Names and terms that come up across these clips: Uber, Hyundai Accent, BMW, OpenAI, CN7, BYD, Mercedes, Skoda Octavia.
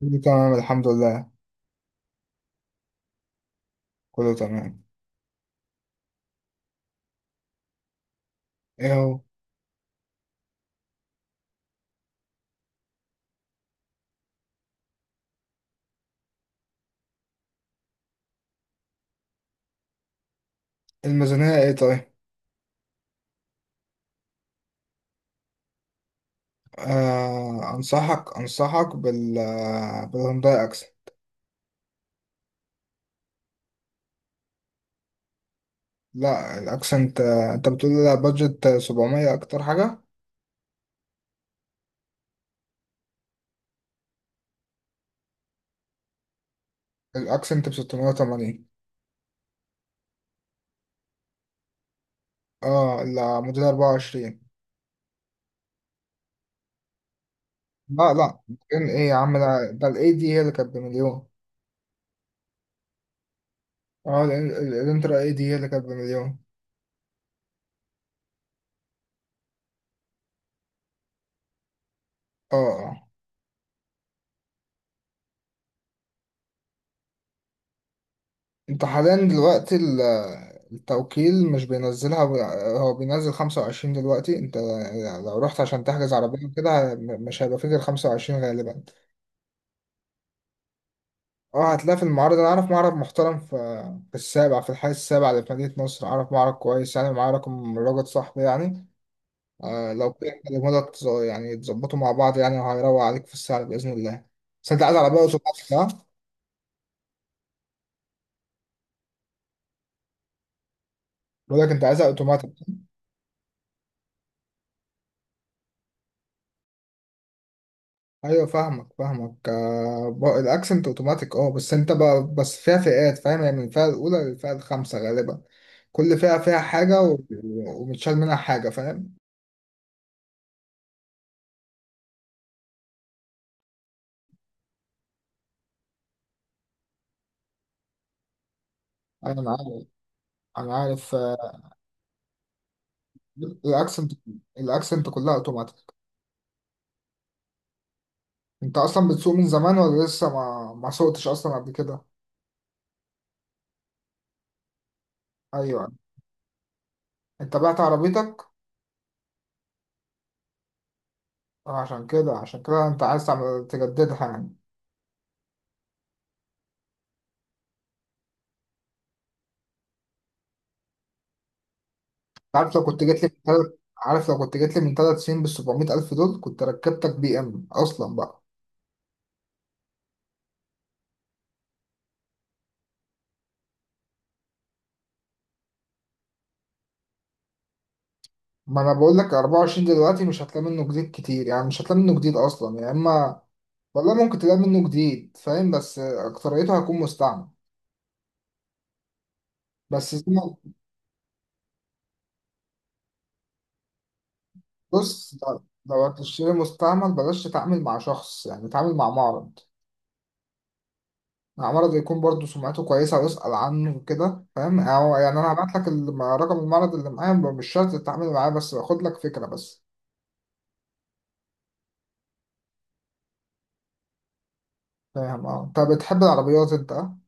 كله تمام الحمد لله، كله تمام. ايه هو؟ الميزانية ايه طيب؟ آه، انصحك بالهونداي اكسنت. لا الاكسنت انت بتقول لي لا، بادجت 700 اكتر حاجة. الاكسنت ب 680. اه لا، موديل 24. لا لا، ايه يا عم ده الاي دي هي اللي كانت بمليون. اه، الانترا اي دي هي اللي كانت بمليون. اه آه. انت حاليا دلوقتي التوكيل مش بينزلها. هو بينزل 25 دلوقتي، انت لو رحت عشان تحجز عربية كده مش هيبقى فيه غير 25 غالبا. اه، هتلاقي في المعرض. انا اعرف معرض محترم في، في السابع، في الحي السابع اللي في مدينة نصر، اعرف معرض كويس يعني، معاه رقم، راجل صاحبي يعني. آه، لو كده كلموا لك يعني تظبطوا مع بعض يعني، وهيروق عليك في السعر بإذن الله. بس انت عايز عربية اوتوماتيك ها؟ بقول لك انت عايزها اوتوماتيك؟ ايوه فاهمك فاهمك الاكسنت اوتوماتيك اه، بس انت بقى بس فيها فئات فاهم، يعني من الفئه الاولى للفئه الخامسه غالبا. كل فئه فيها حاجه ومتشال منها حاجه، فاهم؟ انا عارف، انا عارف آه، الاكسنت، الاكسنت كلها اوتوماتيك. انت اصلا بتسوق من زمان ولا لسه ما سوقتش اصلا قبل كده؟ ايوه. انت بعت عربيتك؟ آه، عشان كده عشان كده انت عايز تعمل تجددها يعني. أنت عارف لو كنت جيت لي عارف لو كنت جيت لي من ثلاث سنين بال 700 الف دول كنت ركبتك بي ام اصلا بقى. ما انا بقول لك 24 دلوقتي مش هتلاقي منه جديد كتير، يعني مش هتلاقي منه جديد اصلا، يا اما والله ممكن تلاقي منه جديد فاهم، بس اكتريته هيكون مستعمل. بس زي ما- بص، لو لو هتشتري مستعمل بلاش تتعامل مع شخص، يعني تتعامل مع معرض. معرض يكون برضه سمعته كويسة واسأل عنه كده فاهم، أو يعني أنا هبعت لك رقم المعرض اللي معايا، مش شرط تتعامل معاه بس باخد لك فكرة بس. فاهم؟ اه، أنت بتحب العربيات أنت أه؟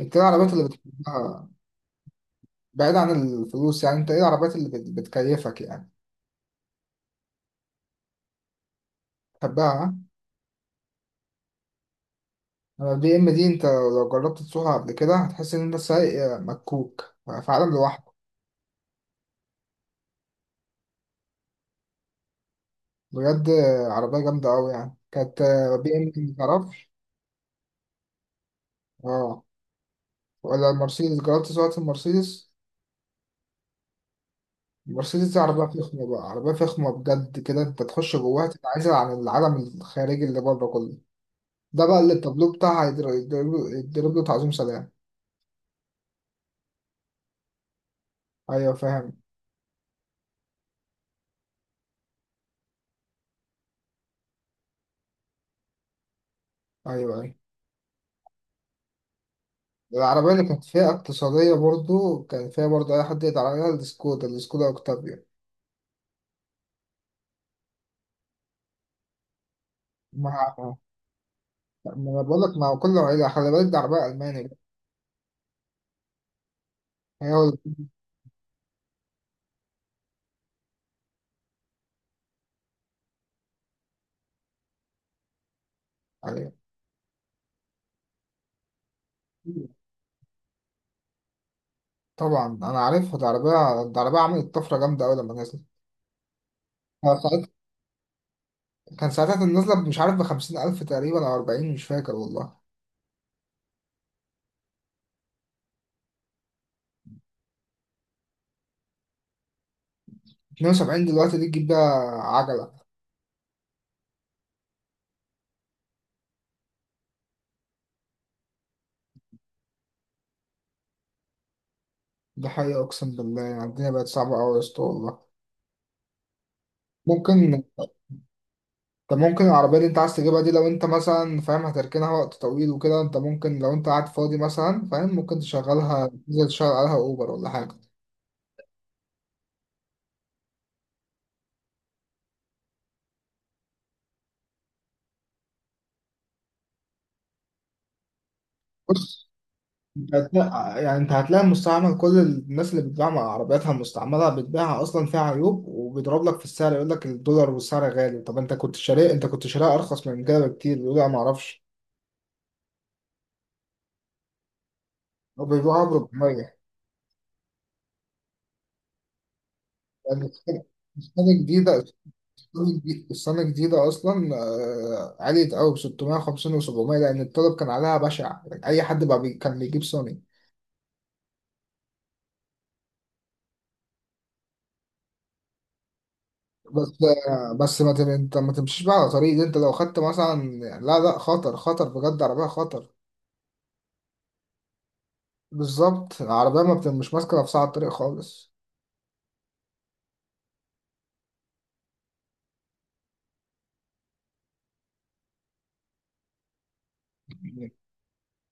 أنت إيه العربيات اللي بتحبها؟ بعيد عن الفلوس يعني، انت ايه العربيات اللي بتكيفك يعني، تحبها ها؟ انا البي ام دي، انت لو جربت تسوقها قبل كده هتحس ان انت سايق مكوك في عالم لوحده. بجد، عربية جامدة أوي يعني كانت، بي ام دي متعرفش. اه، ولا المرسيدس؟ جربت سواقة المرسيدس؟ المرسيدس دي عربية فخمة بقى، عربية فخمة بجد كده، انت تخش جواها تتعزل عن العالم الخارجي اللي بره كله. ده بقى اللي التابلو بتاعها يضرب، يضرب له تعظيم سلام. ايوه فاهم. ايوه ايوه، العربية اللي كانت فيها اقتصادية برضو، كان فيها برضو أي حد يقدر عليها، السكودا، السكودا أوكتافيا. مع ما أنا بقول لك، مع كل عيلة خلي بالك، دي عربية ألماني بقى. هي هو اللي عليها. طبعا أنا عارفها دي، عربية، دي عربية عملت طفرة جامدة أوي لما نزلت. كان ساعتها، كان ساعتها كانت نازلة مش عارف بخمسين ألف تقريبا أو أربعين، مش فاكر والله. اتنين وسبعين دلوقتي دي تجيب بيها عجلة. دي حقيقة أقسم بالله، يعني الدنيا بقت صعبة أوي يا اسطى والله. ممكن طب ممكن العربية اللي انت عايز تجيبها دي، لو انت مثلا فاهم هتركنها وقت طويل وكده، انت ممكن لو انت قاعد فاضي مثلا فاهم، ممكن تشغلها، تنزل تشغل عليها اوبر ولا حاجة. بص، يعني انت هتلاقي مستعمل، كل الناس اللي بتبيع مع عربياتها مستعملة بتبيعها اصلا فيها عيوب، وبيضرب لك في السعر، يقول لك الدولار والسعر غالي. طب انت كنت شاريه، انت كنت شاريها ارخص من كده بكتير، يقول لا ما اعرفش. وبيبيعها ب 400 يعني. سنة جديدة، السنة الجديدة، السنة الجديدة أصلا آه، عليت أوي ب 650 و700 لأن الطلب كان عليها بشع، أي حد بقى بي كان بيجيب سوني. بس آه، بس ما تم... أنت ما تمشيش بقى على طريق دي، أنت لو خدت مثلا، لا لا، خطر، خطر بجد، عربية خطر. بالظبط، العربية ما بت... مش ماسكة نفسها على الطريق خالص.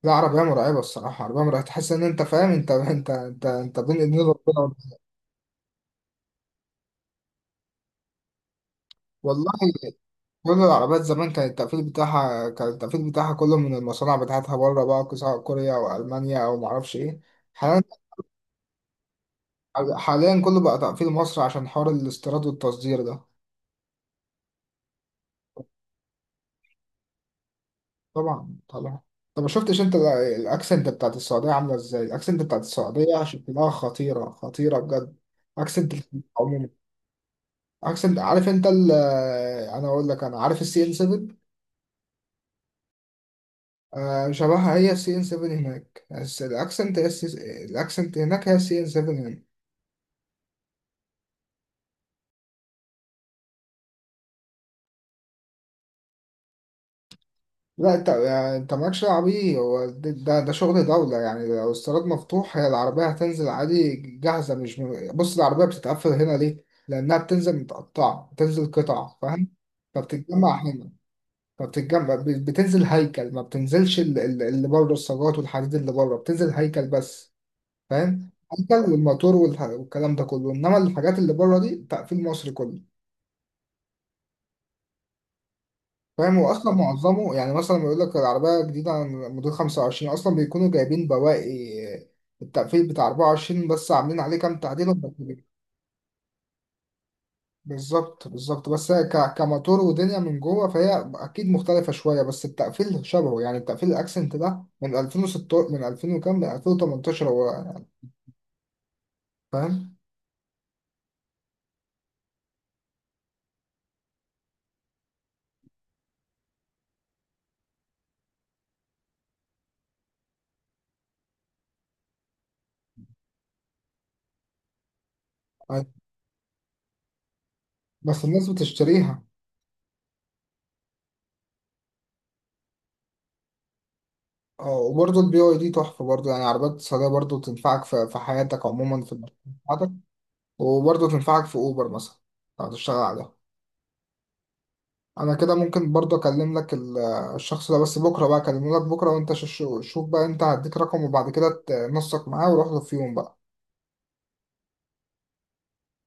لا، عربية مرعبة الصراحة، عربية مرعبة، تحس إن أنت فاهم أنت بين إيدين ربنا والله. كل العربيات زمان كان التقفيل بتاعها، كان التقفيل بتاعها كله من المصانع بتاعتها بره بقى، سواء كوريا أو ألمانيا أو معرفش إيه. حاليا، حاليا كله بقى تقفيل مصر عشان حوار الاستيراد والتصدير ده. طبعا طبعا. طب ما شفتش أنت الأكسنت بتاعت السعودية عاملة إزاي؟ الأكسنت بتاعت السعودية شكلها خطيرة، خطيرة بجد، أكسنت. عموما أكسنت، عارف أنت ال، أنا أقول لك، أنا عارف السي إن 7. آه، شبهها هي السي إن 7 هناك، بس الأكسنت هي السي، الأكسنت هناك هي السي إن 7. لا انت، يعني انت مالكش دعوه بيه، هو ده ده شغل دوله يعني، لو الصاروخ مفتوح هي العربيه هتنزل عادي جاهزه، مش م... بص العربيه بتتقفل هنا ليه؟ لانها بتنزل متقطعه، بتنزل قطع، فاهم؟ فبتتجمع هنا. بتنزل هيكل، ما بتنزلش اللي بره الصاجات والحديد اللي بره، بتنزل هيكل بس. فاهم؟ هيكل والموتور والكلام ده كله، انما الحاجات اللي بره دي تقفيل مصري كله. فاهم؟ هو اصلا معظمه، يعني مثلا لما يقول لك العربيه جديده عن موديل 25 اصلا بيكونوا جايبين بواقي التقفيل بتاع 24 بس عاملين عليه كام تعديل، بالظبط بالظبط. بس هي كموتور ودنيا من جوه فهي اكيد مختلفه شويه، بس التقفيل شبهه، يعني التقفيل الاكسنت ده من 2006، من 2000 وكام، من 2018 هو، فاهم؟ أيوة. بس الناس بتشتريها. اه، وبرضه البي واي دي تحفه برضه، يعني عربيات اقتصاديه، برضه تنفعك في، في حياتك عموما، في المشروع. وبرضه تنفعك في اوبر مثلا لو هتشتغل عليها. انا كده ممكن برضه اكلم لك الشخص ده، بس بكره بقى اكلمه لك بكره، وانت شوف بقى، انت هديك رقم وبعد كده تنسق معاه وروح له في يوم بقى.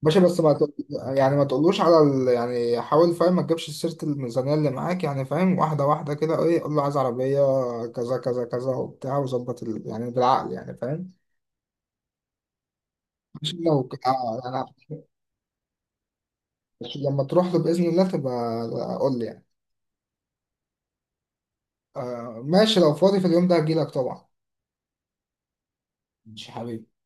باشا، بس ما تق- يعني ما تقولوش على ال... آه، يعني حاول فاهم، ما تجيبش سيرة الميزانية اللي معاك يعني، فاهم، واحدة واحدة كده، ايه، قول له عايز عربية كذا كذا كذا وبتاع، وظبط يعني بالعقل يعني، فاهم؟ عشان لو ك- اه يعني عشان لما تروح له بإذن الله تبقى آه، قول لي يعني. آه ماشي، لو فاضي في اليوم ده هجيلك طبعا. مش حبيبي.